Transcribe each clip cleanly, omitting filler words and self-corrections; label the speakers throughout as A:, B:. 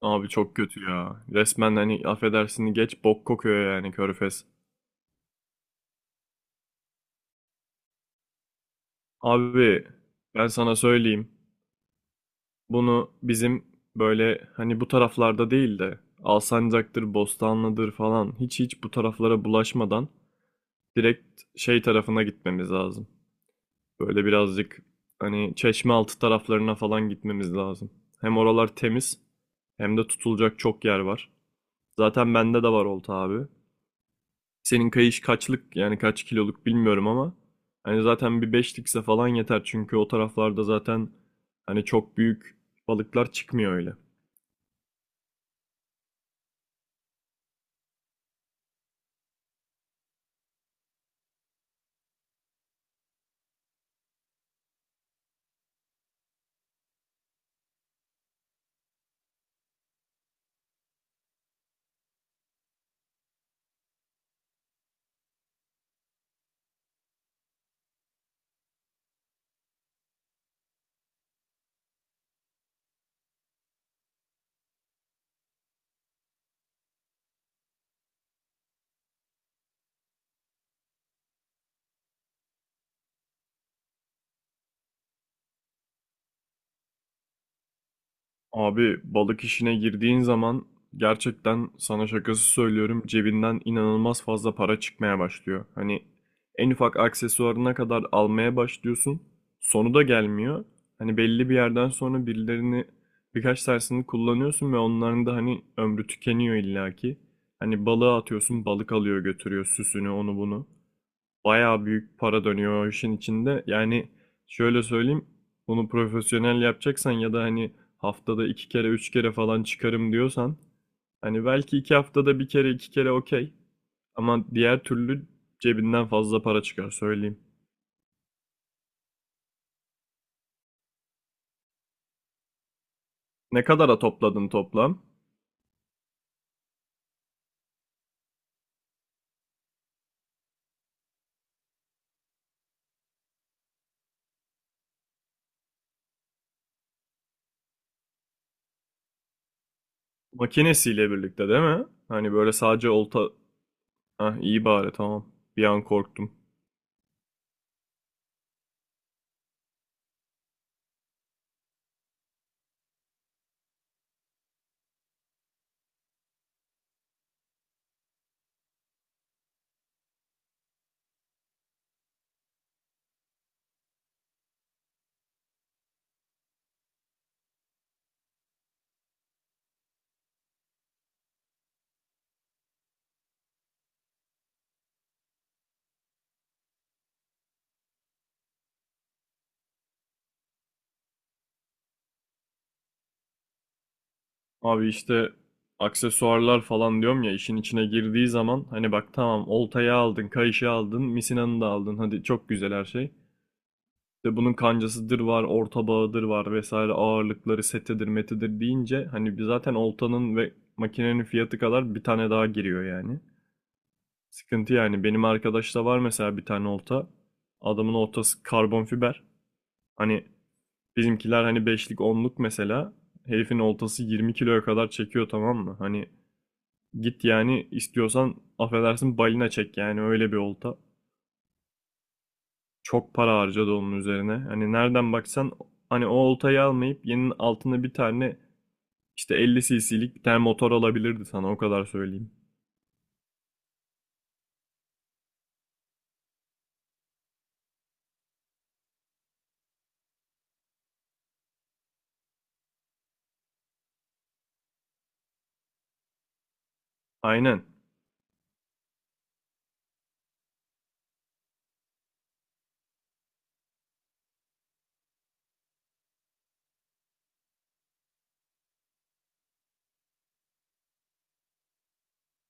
A: Abi çok kötü ya. Resmen hani affedersin geç bok kokuyor yani Körfez. Abi ben sana söyleyeyim. Bunu bizim böyle hani bu taraflarda değil de Alsancak'tır, Bostanlı'dır falan hiç hiç bu taraflara bulaşmadan direkt şey tarafına gitmemiz lazım. Böyle birazcık hani Çeşmealtı taraflarına falan gitmemiz lazım. Hem oralar temiz hem de tutulacak çok yer var. Zaten bende de var olta abi. Senin kayış kaçlık yani kaç kiloluk bilmiyorum ama hani zaten bir beşlikse falan yeter çünkü o taraflarda zaten hani çok büyük balıklar çıkmıyor öyle. Abi balık işine girdiğin zaman gerçekten sana şakası söylüyorum cebinden inanılmaz fazla para çıkmaya başlıyor. Hani en ufak aksesuarına kadar almaya başlıyorsun. Sonu da gelmiyor. Hani belli bir yerden sonra birilerini birkaç tersini kullanıyorsun ve onların da hani ömrü tükeniyor illaki. Hani balığa atıyorsun balık alıyor götürüyor süsünü onu bunu bayağı büyük para dönüyor o işin içinde. Yani şöyle söyleyeyim, bunu profesyonel yapacaksan ya da hani haftada 2 kere 3 kere falan çıkarım diyorsan hani belki 2 haftada bir kere 2 kere okey. Ama diğer türlü cebinden fazla para çıkar söyleyeyim. Ne kadara topladın toplam? Makinesiyle birlikte değil mi? Hani böyle sadece olta... Ah iyi bari tamam. Bir an korktum. Abi işte aksesuarlar falan diyorum ya işin içine girdiği zaman hani bak tamam oltayı aldın, kayışı aldın, misinanı da aldın. Hadi çok güzel her şey. İşte bunun kancasıdır var, orta bağıdır var vesaire ağırlıkları setidir metidir deyince hani bir zaten oltanın ve makinenin fiyatı kadar bir tane daha giriyor yani. Sıkıntı yani benim arkadaşta var mesela bir tane olta. Adamın oltası karbon fiber. Hani bizimkiler hani beşlik onluk mesela. Herifin oltası 20 kiloya kadar çekiyor tamam mı? Hani git yani istiyorsan affedersin balina çek yani öyle bir olta. Çok para harcadı onun üzerine. Hani nereden baksan hani o oltayı almayıp yeninin altına bir tane işte 50 cc'lik bir tane motor alabilirdi sana o kadar söyleyeyim. Aynen.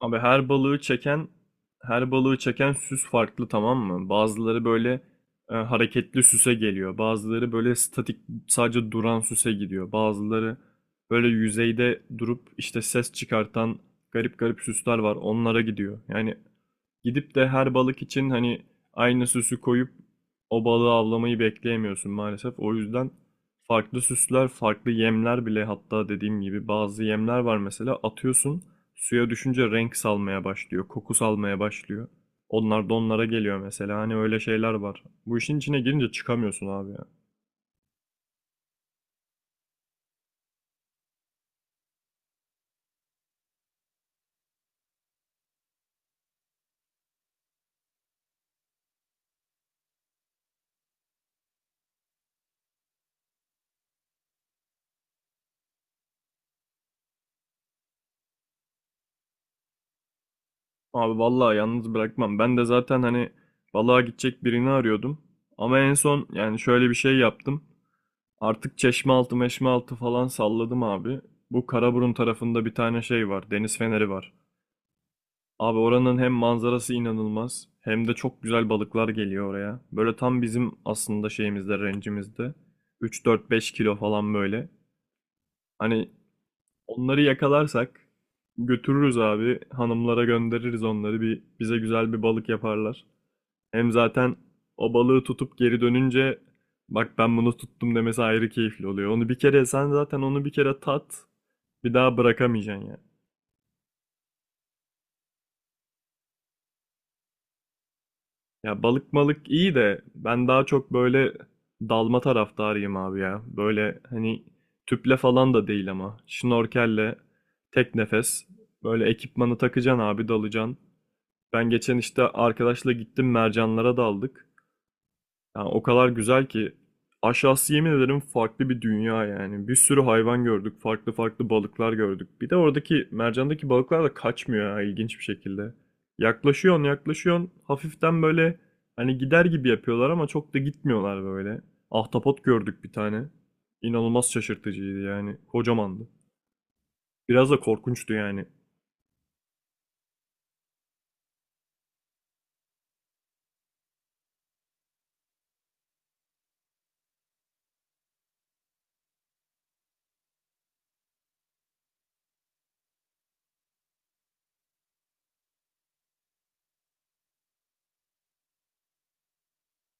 A: Abi her balığı çeken süs farklı tamam mı? Bazıları böyle hareketli süse geliyor. Bazıları böyle statik sadece duran süse gidiyor. Bazıları böyle yüzeyde durup işte ses çıkartan garip garip süsler var. Onlara gidiyor. Yani gidip de her balık için hani aynı süsü koyup o balığı avlamayı bekleyemiyorsun maalesef. O yüzden farklı süsler, farklı yemler bile hatta dediğim gibi bazı yemler var mesela atıyorsun suya düşünce renk salmaya başlıyor, koku salmaya başlıyor. Onlar da onlara geliyor mesela. Hani öyle şeyler var. Bu işin içine girince çıkamıyorsun abi ya. Abi vallahi yalnız bırakmam. Ben de zaten hani balığa gidecek birini arıyordum. Ama en son yani şöyle bir şey yaptım. Artık Çeşmealtı Meşmealtı falan salladım abi. Bu Karaburun tarafında bir tane şey var. Deniz feneri var. Abi oranın hem manzarası inanılmaz hem de çok güzel balıklar geliyor oraya. Böyle tam bizim aslında şeyimizde, rencimizde. 3-4-5 kilo falan böyle. Hani onları yakalarsak götürürüz abi. Hanımlara göndeririz onları. Bir, bize güzel bir balık yaparlar. Hem zaten o balığı tutup geri dönünce bak ben bunu tuttum demesi ayrı keyifli oluyor. Onu bir kere sen zaten onu bir kere tat bir daha bırakamayacaksın ya. Ya balık malık iyi de ben daha çok böyle dalma taraftarıyım abi ya. Böyle hani tüple falan da değil ama şnorkelle tek nefes böyle ekipmanı takacaksın abi dalacaksın. Ben geçen işte arkadaşla gittim mercanlara daldık. Yani o kadar güzel ki aşağısı yemin ederim farklı bir dünya yani. Bir sürü hayvan gördük, farklı farklı balıklar gördük. Bir de oradaki mercandaki balıklar da kaçmıyor ha ilginç bir şekilde. Yaklaşıyorsun, yaklaşıyorsun. Hafiften böyle hani gider gibi yapıyorlar ama çok da gitmiyorlar böyle. Ahtapot gördük bir tane. İnanılmaz şaşırtıcıydı yani. Kocamandı. Biraz da korkunçtu yani.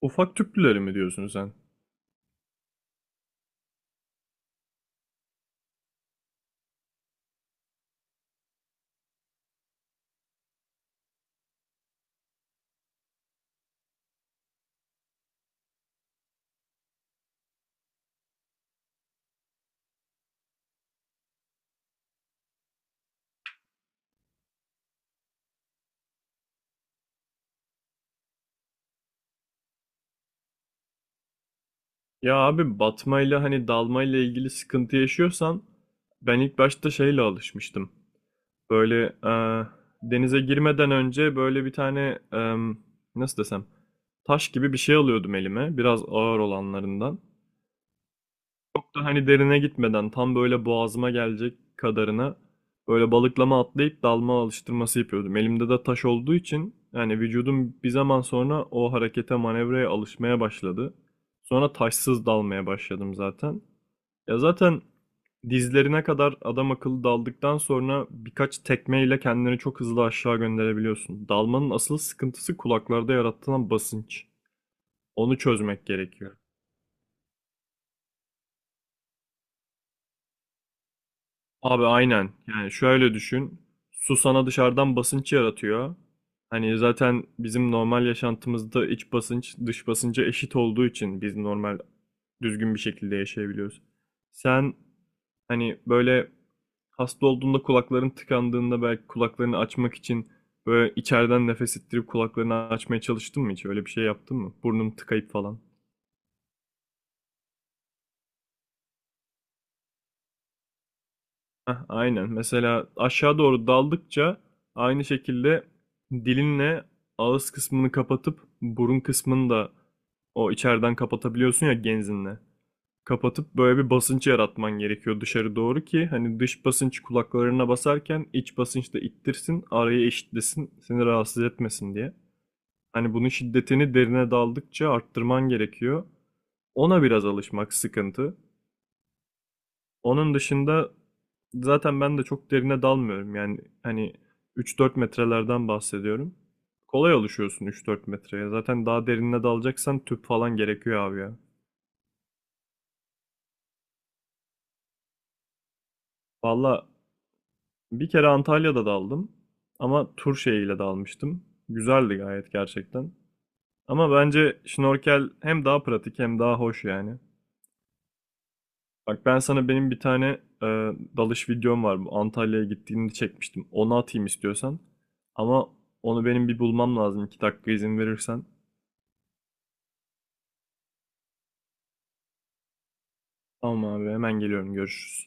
A: Ufak tüplüleri mi diyorsun sen? Ya abi batmayla hani dalmayla ilgili sıkıntı yaşıyorsan ben ilk başta şeyle alışmıştım. Böyle denize girmeden önce böyle bir tane nasıl desem taş gibi bir şey alıyordum elime biraz ağır olanlarından da hani derine gitmeden tam böyle boğazıma gelecek kadarına böyle balıklama atlayıp dalma alıştırması yapıyordum. Elimde de taş olduğu için yani vücudum bir zaman sonra o harekete manevraya alışmaya başladı. Sonra taşsız dalmaya başladım zaten. Ya zaten dizlerine kadar adam akıllı daldıktan sonra birkaç tekmeyle kendini çok hızlı aşağı gönderebiliyorsun. Dalmanın asıl sıkıntısı kulaklarda yaratılan basınç. Onu çözmek gerekiyor. Abi aynen. Yani şöyle düşün. Su sana dışarıdan basınç yaratıyor. Hani zaten bizim normal yaşantımızda iç basınç dış basınca eşit olduğu için biz normal düzgün bir şekilde yaşayabiliyoruz. Sen hani böyle hasta olduğunda kulakların tıkandığında belki kulaklarını açmak için böyle içeriden nefes ettirip kulaklarını açmaya çalıştın mı hiç? Öyle bir şey yaptın mı? Burnum tıkayıp falan. Heh, aynen. Mesela aşağı doğru daldıkça aynı şekilde dilinle ağız kısmını kapatıp burun kısmını da o içeriden kapatabiliyorsun ya genzinle. Kapatıp böyle bir basınç yaratman gerekiyor dışarı doğru ki hani dış basınç kulaklarına basarken iç basınç da ittirsin, arayı eşitlesin, seni rahatsız etmesin diye. Hani bunun şiddetini derine daldıkça arttırman gerekiyor. Ona biraz alışmak sıkıntı. Onun dışında zaten ben de çok derine dalmıyorum. Yani hani 3-4 metrelerden bahsediyorum. Kolay alışıyorsun 3-4 metreye. Zaten daha derine dalacaksan tüp falan gerekiyor abi ya. Valla bir kere Antalya'da daldım. Ama tur şeyiyle dalmıştım. Güzeldi gayet gerçekten. Ama bence şnorkel hem daha pratik hem daha hoş yani. Bak ben sana benim bir tane e, dalış videom var. Bu Antalya'ya gittiğimde çekmiştim. Onu atayım istiyorsan. Ama onu benim bir bulmam lazım. 2 dakika izin verirsen. Tamam abi hemen geliyorum. Görüşürüz.